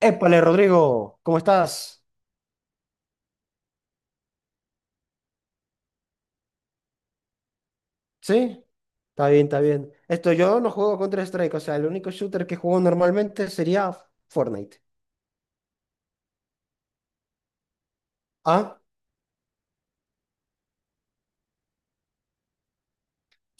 Épale, Rodrigo, ¿cómo estás? ¿Sí? Está bien, está bien. Esto yo no juego Counter-Strike, o sea, el único shooter que juego normalmente sería Fortnite. ¿Ah?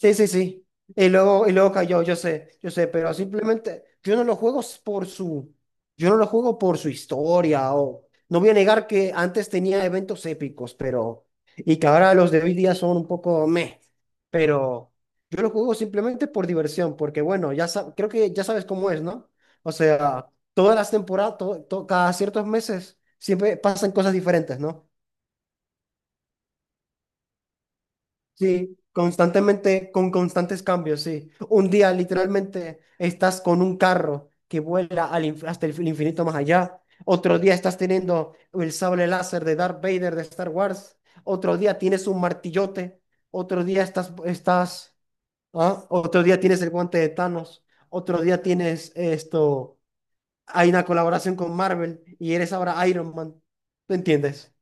Sí, sí, sí. Y luego cayó, yo sé, pero simplemente yo no lo juego s- por su, yo no lo juego por su historia o no voy a negar que antes tenía eventos épicos, pero y que ahora los de hoy día son un poco meh, pero yo lo juego simplemente por diversión, porque bueno, creo que ya sabes cómo es, ¿no? O sea, todas las temporadas, to- to- cada ciertos meses siempre pasan cosas diferentes, ¿no? Sí, constantemente, con constantes cambios, sí. Un día literalmente estás con un carro que vuela hasta el infinito más allá. Otro día estás teniendo el sable láser de Darth Vader de Star Wars. Otro día tienes un martillote. Otro día ¿ah? Otro día tienes el guante de Thanos. Otro día tienes esto. Hay una colaboración con Marvel y eres ahora Iron Man. ¿Tú entiendes?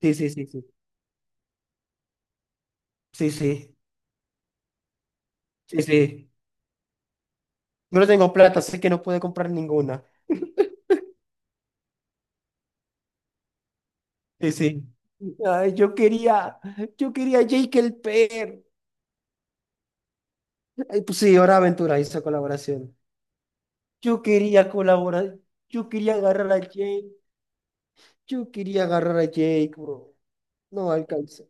Sí, sí, sí, sí. Sí, sí. Sí, sí. No tengo plata, así que no pude comprar ninguna. Sí, sí. Ay, yo quería, yo quería Jake el Per. Ay, pues sí, ahora Aventura hizo colaboración. Yo quería colaborar, yo quería agarrar a Jake, yo quería agarrar a Jake, bro. No alcancé.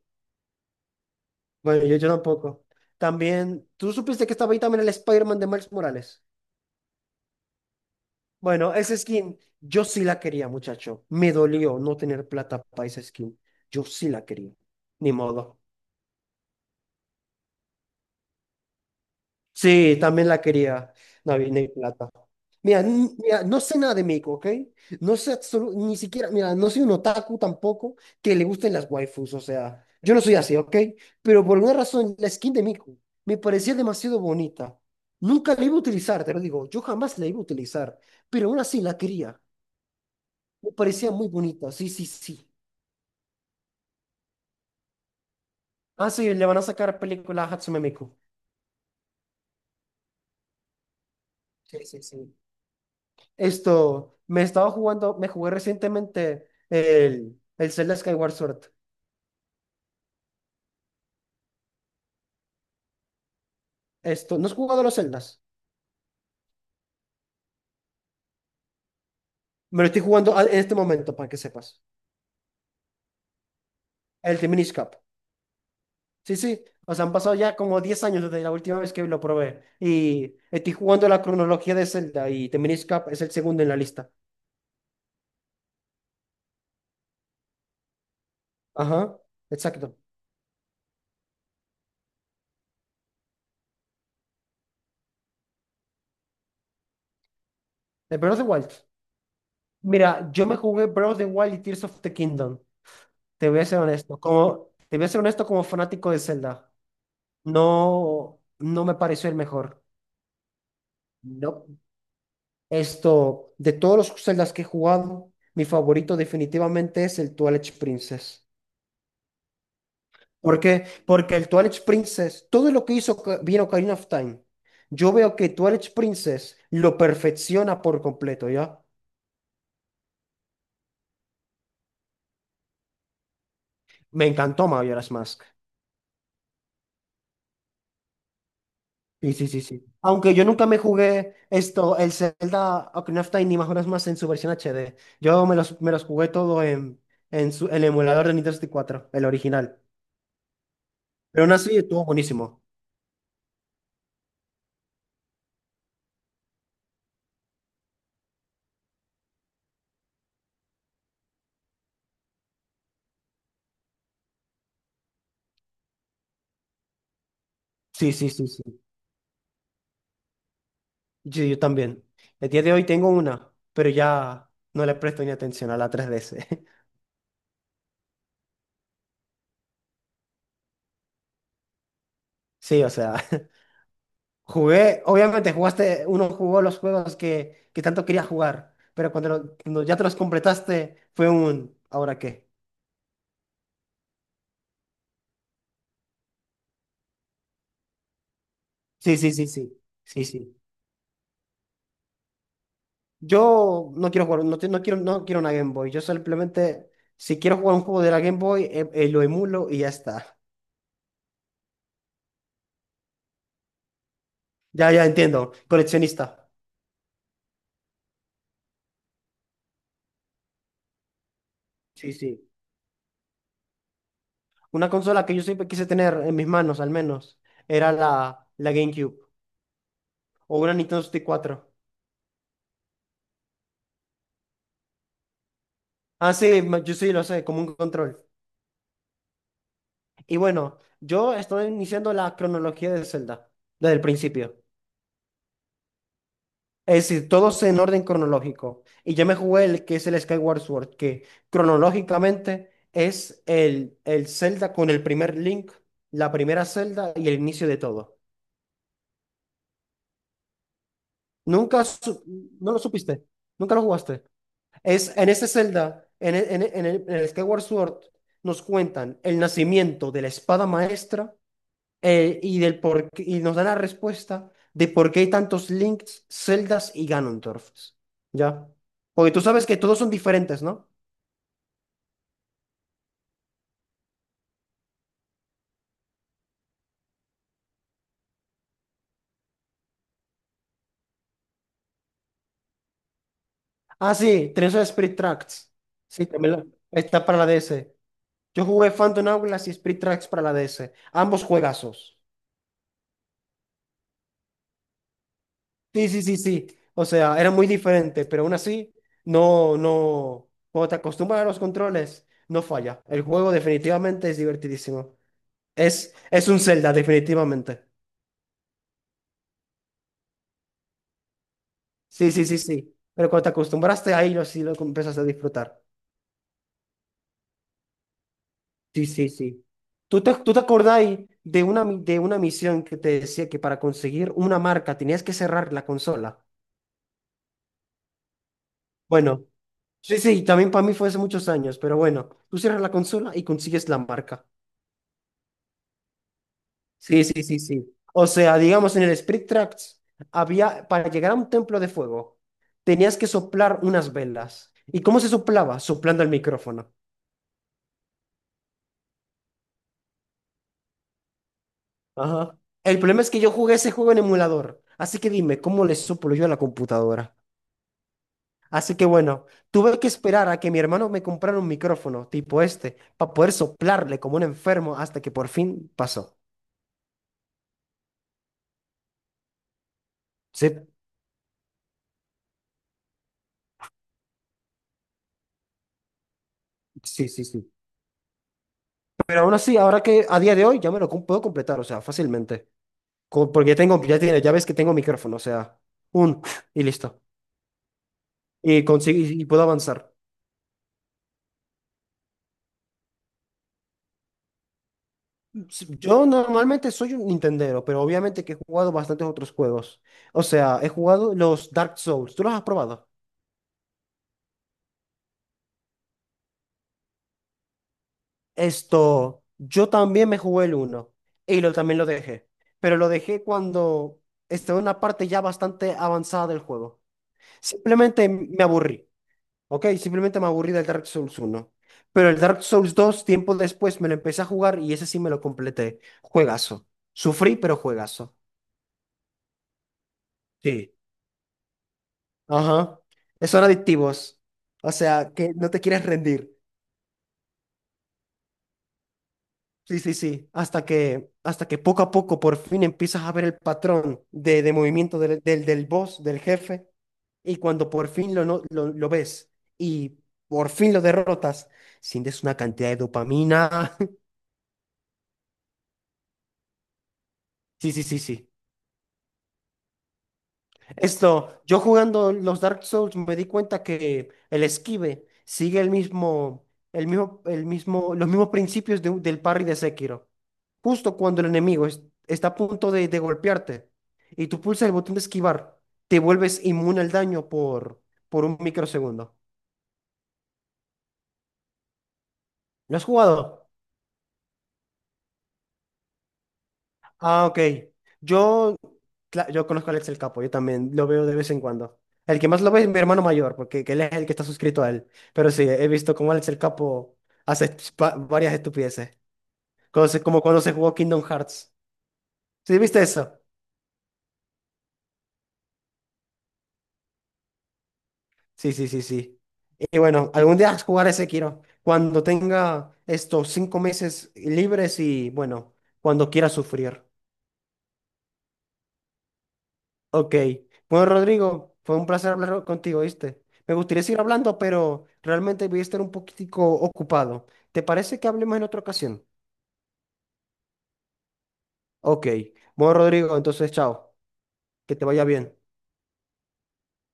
Bueno, yo tampoco. También, ¿tú supiste que estaba ahí también el Spider-Man de Miles Morales? Bueno, esa skin, yo sí la quería, muchacho. Me dolió no tener plata para esa skin. Yo sí la quería. Ni modo. Sí, también la quería, Navina y Plata. Mira, no sé nada de México, ¿ok? Ni siquiera, mira, no soy un otaku tampoco que le gusten las waifus, o sea, yo no soy así, ¿ok? Pero por alguna razón, la skin de Miku me parecía demasiado bonita. Nunca la iba a utilizar, te lo digo, yo jamás la iba a utilizar, pero aún así la quería. Me parecía muy bonita, sí, sí, sí. Ah, sí, le van a sacar película a Hatsume Miku. Sí, sí, sí. Esto, me estaba jugando, me jugué recientemente el Zelda Skyward Sword. ¿No has jugado los Zeldas? Me lo estoy jugando al- en este momento, para que sepas. El The Minish Cap. Sí, sí. O sea, han pasado ya como 10 años desde la última vez que lo probé. Y estoy jugando la cronología de Zelda y The Minish Cap es el segundo en la lista. Ajá, exacto. El Breath of the Wild. Mira, yo me jugué Breath of the Wild y Tears of the Kingdom. Te voy a ser honesto. Como, te voy a ser honesto como fanático de Zelda. No me pareció el mejor. No. De todos los Zeldas que he jugado, mi favorito definitivamente es el Twilight Princess. ¿Por qué? Porque el Twilight Princess, todo lo que hizo Oca- bien Ocarina of Time, yo veo que Twilight Princess lo perfecciona por completo, ¿ya? Me encantó Majora's Mask. Sí, sí, sí, sí. Aunque yo nunca me jugué el Zelda Ocarina of Time, ni más horas más en su versión HD. Me los jugué todo en su, el emulador de Nintendo 64, el original. Pero aún así estuvo buenísimo. Sí, sí, sí, sí. Yo también. El día de hoy tengo una, pero ya no le presto ni atención a la 3DS. Sí, o sea, jugué, obviamente jugaste, uno jugó los juegos que tanto quería jugar, pero cuando ya te los completaste fue un, ¿ahora qué? Sí, sí, sí, sí. Sí, sí. Yo no quiero jugar, no quiero, no quiero una Game Boy. Yo simplemente, si quiero jugar un juego de la Game Boy, lo emulo y ya está. Ya, ya entiendo. Coleccionista. Sí, sí. Una consola que yo siempre quise tener en mis manos, al menos, era la GameCube o una Nintendo 64. Ah, sí, yo sí lo sé, como un control. Y bueno, yo estoy iniciando la cronología de Zelda desde el principio. Es decir, todos en orden cronológico. Y yo me jugué el que es el Skyward Sword, que cronológicamente es el Zelda con el primer Link, la primera Zelda y el inicio de todo. Nunca, su- no lo supiste, nunca lo jugaste. Es en ese Zelda, en el Skyward Sword, nos cuentan el nacimiento de la espada maestra del y nos da la respuesta de por qué hay tantos Links, Zeldas y Ganondorfs. ¿Ya? Porque tú sabes que todos son diferentes, ¿no? Ah, sí, tenés el Spirit Tracks. Sí, también la- está para la DS. Yo jugué Phantom Hourglass y Spirit Tracks para la DS. Ambos juegazos. Sí, sí, sí, sí. O sea, era muy diferente, pero aún así, no. Cuando te acostumbras a los controles, no falla. El juego definitivamente es divertidísimo. Es un Zelda, definitivamente. Sí, sí, sí, sí. Pero cuando te acostumbraste ahí, sí lo empezaste a disfrutar. Sí, sí, sí. ¿ tú te acordás de de una misión que te decía que para conseguir una marca tenías que cerrar la consola? Bueno, sí, sí, también para mí fue hace muchos años, pero bueno, tú cierras la consola y consigues la marca. Sí, sí, sí, sí. O sea, digamos, en el Spirit Tracks había, para llegar a un templo de fuego, tenías que soplar unas velas. ¿Y cómo se soplaba? Soplando el micrófono. Ajá. El problema es que yo jugué ese juego en emulador, así que dime, ¿cómo le soplo yo a la computadora? Así que bueno, tuve que esperar a que mi hermano me comprara un micrófono tipo este, para poder soplarle como un enfermo hasta que por fin pasó. Sí, sí, sí, sí. Pero aún así, ahora que a día de hoy ya puedo completar, o sea, fácilmente. Porque tengo, ya ves que tengo micrófono, o sea, un y listo. Y puedo avanzar. Sí, yo normalmente soy un Nintendero, pero obviamente que he jugado bastantes otros juegos. O sea, he jugado los Dark Souls. ¿Tú los has probado? Yo también me jugué el uno y también lo dejé, pero lo dejé cuando estaba en una parte ya bastante avanzada del juego. Simplemente me aburrí, ¿ok? Simplemente me aburrí del Dark Souls uno. Pero el Dark Souls 2 tiempo después, me lo empecé a jugar y ese sí me lo completé. Juegazo. Sufrí, pero juegazo. Sí. Ajá. Son adictivos. O sea, que no te quieres rendir. Sí, sí, sí. Hasta que poco a poco por fin empiezas a ver el patrón de movimiento del boss, del jefe. Y cuando por fin lo, no- lo ves y por fin lo derrotas, sientes una cantidad de dopamina. Sí, sí, sí, sí. Yo jugando los Dark Souls me di cuenta que el esquive sigue el mismo, los mismos principios de del parry de Sekiro. Justo cuando está a punto de golpearte y tú pulsas el botón de esquivar, te vuelves inmune al daño por un microsegundo. ¿Lo has jugado? Ah, ok. Yo yo conozco a Alex el Capo, yo también lo veo de vez en cuando. El que más lo ve es mi hermano mayor, porque que él es el que está suscrito a él. Pero sí, he visto cómo Alex el Capo hace varias estupideces. Como, como cuando se jugó Kingdom Hearts. ¿Sí viste eso? Sí, sí, sí, sí. Y bueno, algún día jugar ese quiero. Cuando tenga estos 5 meses libres y bueno, cuando quiera sufrir. Ok. Bueno, Rodrigo, fue un placer hablar contigo, ¿viste? Me gustaría seguir hablando, pero realmente voy a estar un poquitico ocupado. ¿Te parece que hablemos en otra ocasión? Ok. Bueno, Rodrigo, entonces, chao. Que te vaya bien.